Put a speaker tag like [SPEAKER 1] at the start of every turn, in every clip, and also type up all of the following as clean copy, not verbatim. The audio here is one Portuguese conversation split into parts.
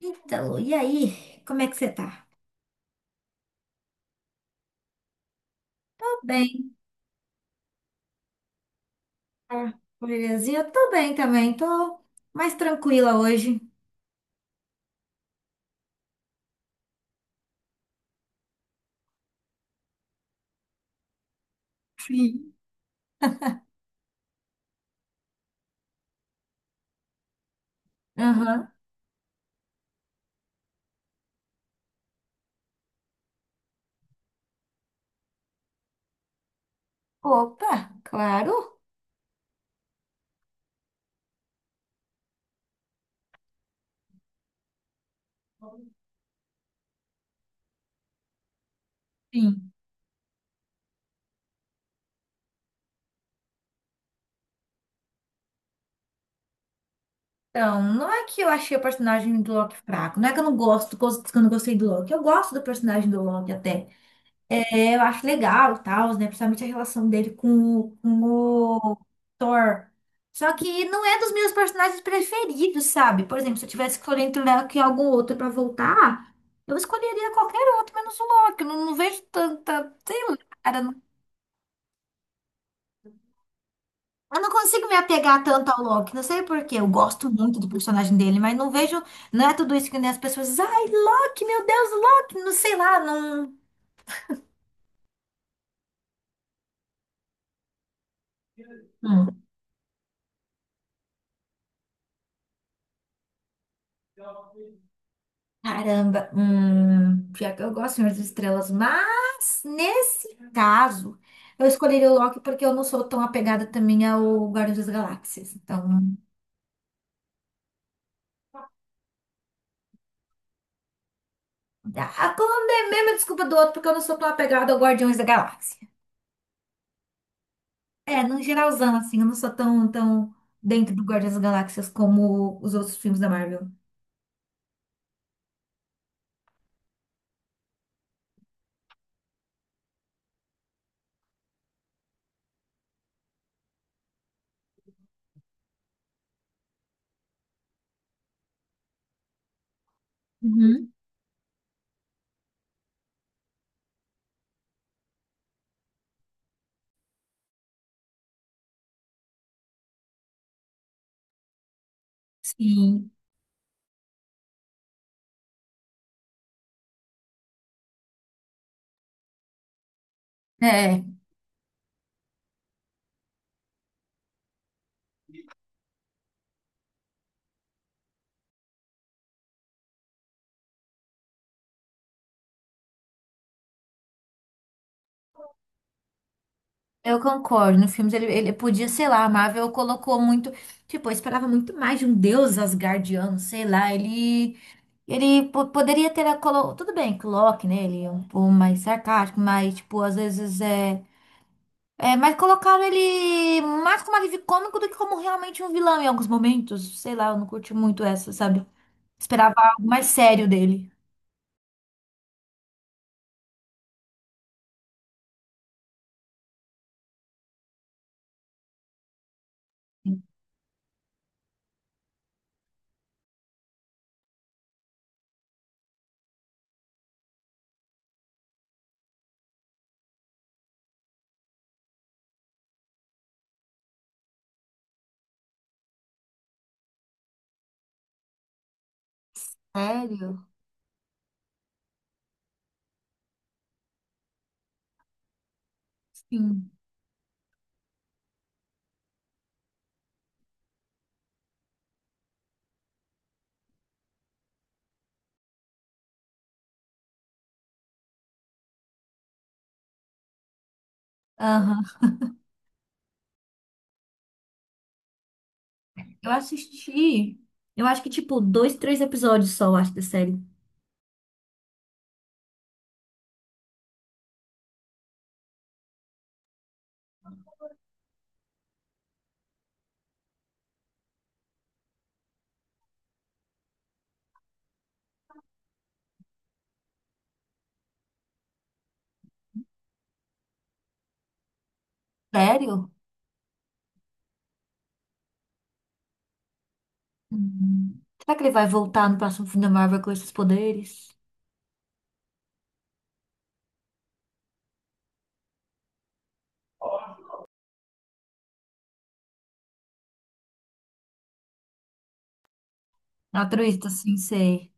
[SPEAKER 1] Então, e aí, como é que você tá? Tô bem, tá? Belezinha? Tô bem também, tô mais tranquila hoje. Sim, Aham. Opa, claro. Sim. Então, não é que eu achei o personagem do Loki fraco, não é que eu não gosto, que eu não gostei do Loki. Eu gosto do personagem do Loki até. É, eu acho legal e tal, né? Principalmente a relação dele com o Thor. Só que não é dos meus personagens preferidos, sabe? Por exemplo, se eu tivesse que escolher entre o Loki e algum outro pra voltar, eu escolheria qualquer outro, menos o Loki. Eu não, não vejo tanta. Sei lá, cara. Eu não consigo me apegar tanto ao Loki. Não sei por quê. Eu gosto muito do personagem dele, mas não vejo. Não é tudo isso que nem as pessoas dizem. Ai, Loki, meu Deus, Loki. Não sei lá, não. Caramba, pior que eu gosto, de Senhor das Estrelas, mas nesse caso, eu escolheria o Loki porque eu não sou tão apegada também ao Guardiões das Galáxias. Então, a é mesmo desculpa do outro porque eu não sou tão apegada ao Guardiões da Galáxia. É, num geralzão, assim, eu não sou tão dentro do Guardiões das Galáxias como os outros filmes da Marvel. Uhum. Sim, é. Eu concordo. No filme ele podia, sei lá, a Marvel colocou muito. Tipo, eu esperava muito mais de um deus asgardiano, sei lá. Ele. Ele poderia ter a colo. Tudo bem que o Loki, né? Ele é um pouco mais sarcástico, mas, tipo, às vezes é. É, mas colocaram ele mais como alívio cômico do que como realmente um vilão em alguns momentos. Sei lá, eu não curti muito essa, sabe? Esperava algo mais sério dele. Sério? Sim. Aham. Eu assisti. Eu acho que, tipo, dois, três episódios só, eu acho, da série. Sério? Hum. Será que ele vai voltar no próximo filme da Marvel com esses poderes? Altruísta, sim, sei.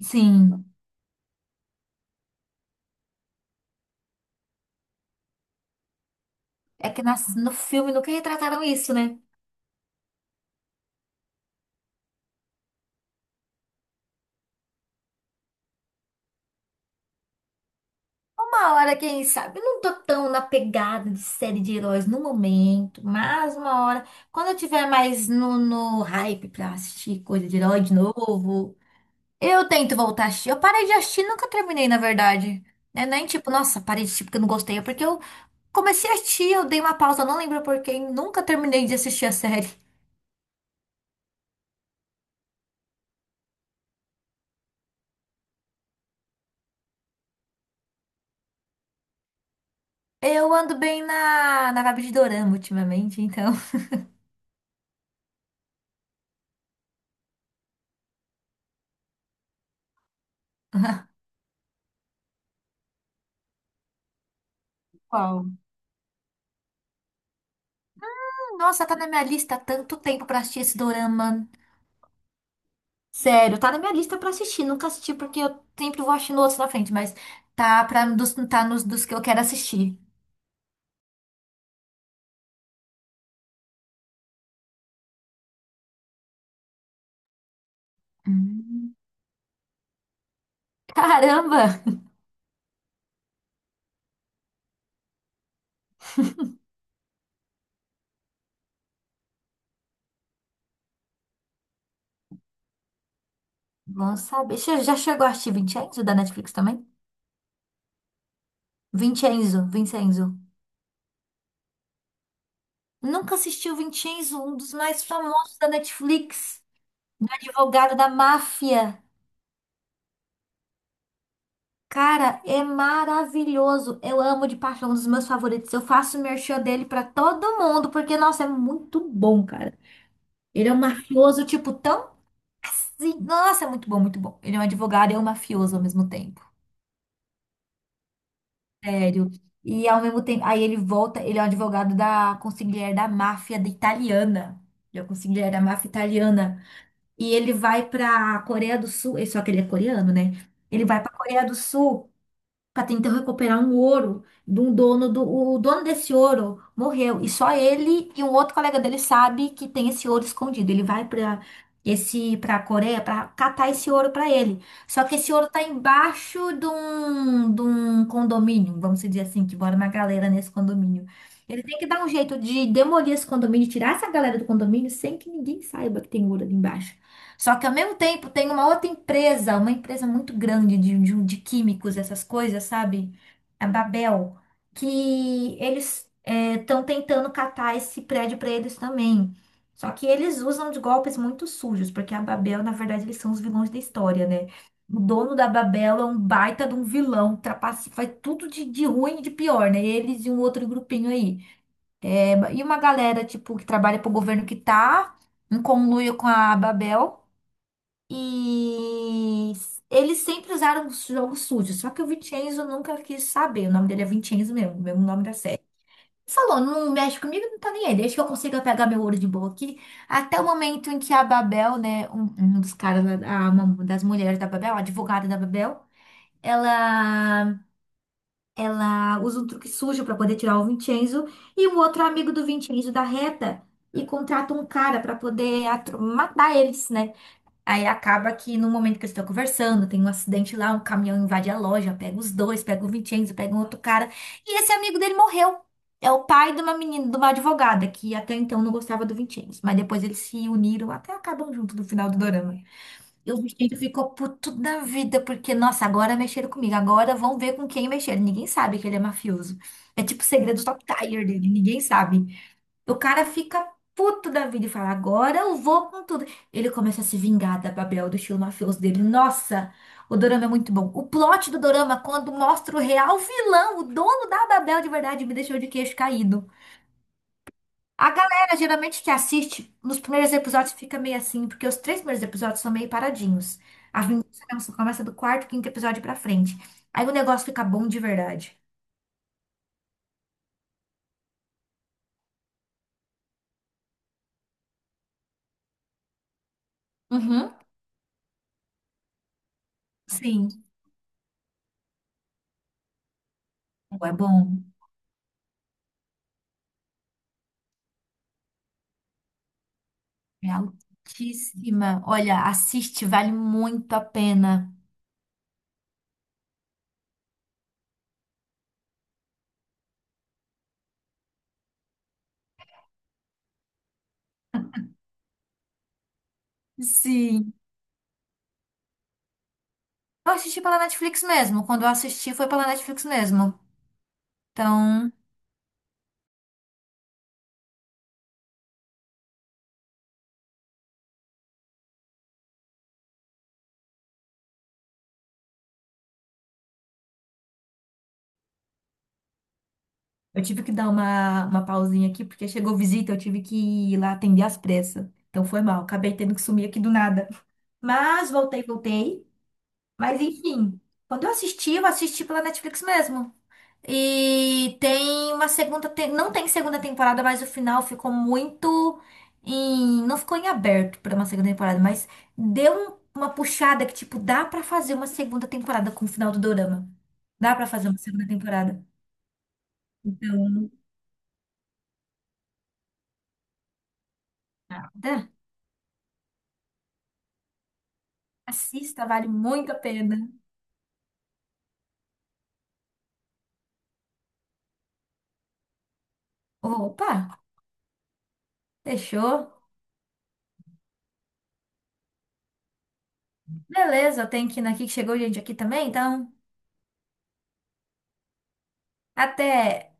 [SPEAKER 1] Sim. É que no filme nunca retrataram isso, né? Uma hora, quem sabe? Eu não tô tão na pegada de série de heróis no momento, mas uma hora, quando eu tiver mais no hype pra assistir coisa de herói de novo, eu tento voltar a assistir. Eu parei de assistir, nunca terminei, na verdade. Né? Nem tipo, nossa, parei de assistir porque eu não gostei, é porque eu comecei a assistir, eu dei uma pausa, não lembro por quê, e nunca terminei de assistir a série. Eu ando bem na vibe de dorama ultimamente, então. Qual? Nossa, tá na minha lista há tanto tempo pra assistir esse dorama. Sério, tá na minha lista pra assistir. Nunca assisti porque eu sempre vou assistindo outros na frente, mas tá, tá nos dos que eu quero assistir. Hum. Caramba! Bom saber. Você já chegou a assistir Vincenzo da Netflix também? Vincenzo, Vincenzo. Nunca assisti o Vincenzo, um dos mais famosos da Netflix, do advogado da máfia. Cara, é maravilhoso. Eu amo de paixão, um dos meus favoritos. Eu faço merchan dele pra todo mundo, porque, nossa, é muito bom, cara. Ele é um mafioso, tipo, tão. Nossa, é muito bom, muito bom. Ele é um advogado e é um mafioso ao mesmo tempo. Sério. E ao mesmo tempo. Aí ele volta, ele é um advogado da consigliere da máfia da italiana. Ele é o consigliere da máfia italiana. E ele vai pra Coreia do Sul. Só que ele é coreano, né? Ele vai pra Coreia do Sul para tentar recuperar um ouro de um dono do o dono desse ouro morreu, e só ele e um outro colega dele sabe que tem esse ouro escondido. Ele vai para a Coreia para catar esse ouro para ele. Só que esse ouro tá embaixo de um condomínio, vamos dizer assim, que mora uma galera nesse condomínio. Ele tem que dar um jeito de demolir esse condomínio, tirar essa galera do condomínio sem que ninguém saiba que tem ouro ali embaixo. Só que ao mesmo tempo tem uma outra empresa, uma empresa muito grande de químicos, essas coisas, sabe? A Babel, que eles estão tentando catar esse prédio para eles também. Só que eles usam de golpes muito sujos, porque a Babel, na verdade, eles são os vilões da história, né? O dono da Babel é um baita de um vilão, trapace, faz tudo de ruim e de pior, né? Eles e um outro grupinho aí. É, e uma galera, tipo, que trabalha pro governo que tá em conluio com a Babel. E eles sempre usaram os jogos sujos, só que o Vincenzo nunca quis saber. O nome dele é Vincenzo mesmo, o mesmo nome da série. Falou, não mexe comigo, não tá nem aí. Desde que eu consiga pegar meu ouro de boa aqui. Até o momento em que a Babel, né, um dos caras, lá, uma das mulheres da Babel, a advogada da Babel, ela, ela usa um truque sujo pra poder tirar o Vincenzo. E o outro amigo do Vincenzo da reta e contrata um cara pra poder matar eles, né? Aí acaba que no momento que eles estão conversando, tem um acidente lá, um caminhão invade a loja, pega os dois, pega o Vincenzo, pega um outro cara. E esse amigo dele morreu. É o pai de uma menina, de uma advogada, que até então não gostava do Vincenzo. Mas depois eles se uniram, até acabam junto no final do dorama. E o Vincenzo ficou puto da vida, porque, nossa, agora mexeram comigo. Agora vão ver com quem mexeram. Ninguém sabe que ele é mafioso. É tipo o segredo do Top Tier dele, ninguém sabe. O cara fica puto da vida e fala: Agora eu vou com tudo. Ele começa a se vingar da Babel, do estilo mafioso dele. Nossa, o dorama é muito bom. O plot do dorama, quando mostra o real vilão, o dono da Babel de verdade, me deixou de queixo caído. A galera, geralmente, que assiste, nos primeiros episódios fica meio assim, porque os três primeiros episódios são meio paradinhos. A vingança mesmo só começa do quarto, quinto episódio pra frente. Aí o negócio fica bom de verdade. Uhum, sim. É bom. É altíssima. Olha, assiste, vale muito a pena. Sim. Eu assisti pela Netflix mesmo. Quando eu assisti, foi pela Netflix mesmo. Então, eu tive que dar uma pausinha aqui, porque chegou visita, eu tive que ir lá atender às pressas. Então foi mal, acabei tendo que sumir aqui do nada. Mas voltei, voltei. Mas enfim, quando eu assisti pela Netflix mesmo. E tem não tem segunda temporada, mas o final ficou não ficou em aberto para uma segunda temporada, mas uma puxada que tipo dá pra fazer uma segunda temporada com o final do Dorama. Dá pra fazer uma segunda temporada. Então, dá. Assista, vale muito a pena. Opa, fechou. Beleza, eu tenho que ir aqui que chegou gente aqui também, então até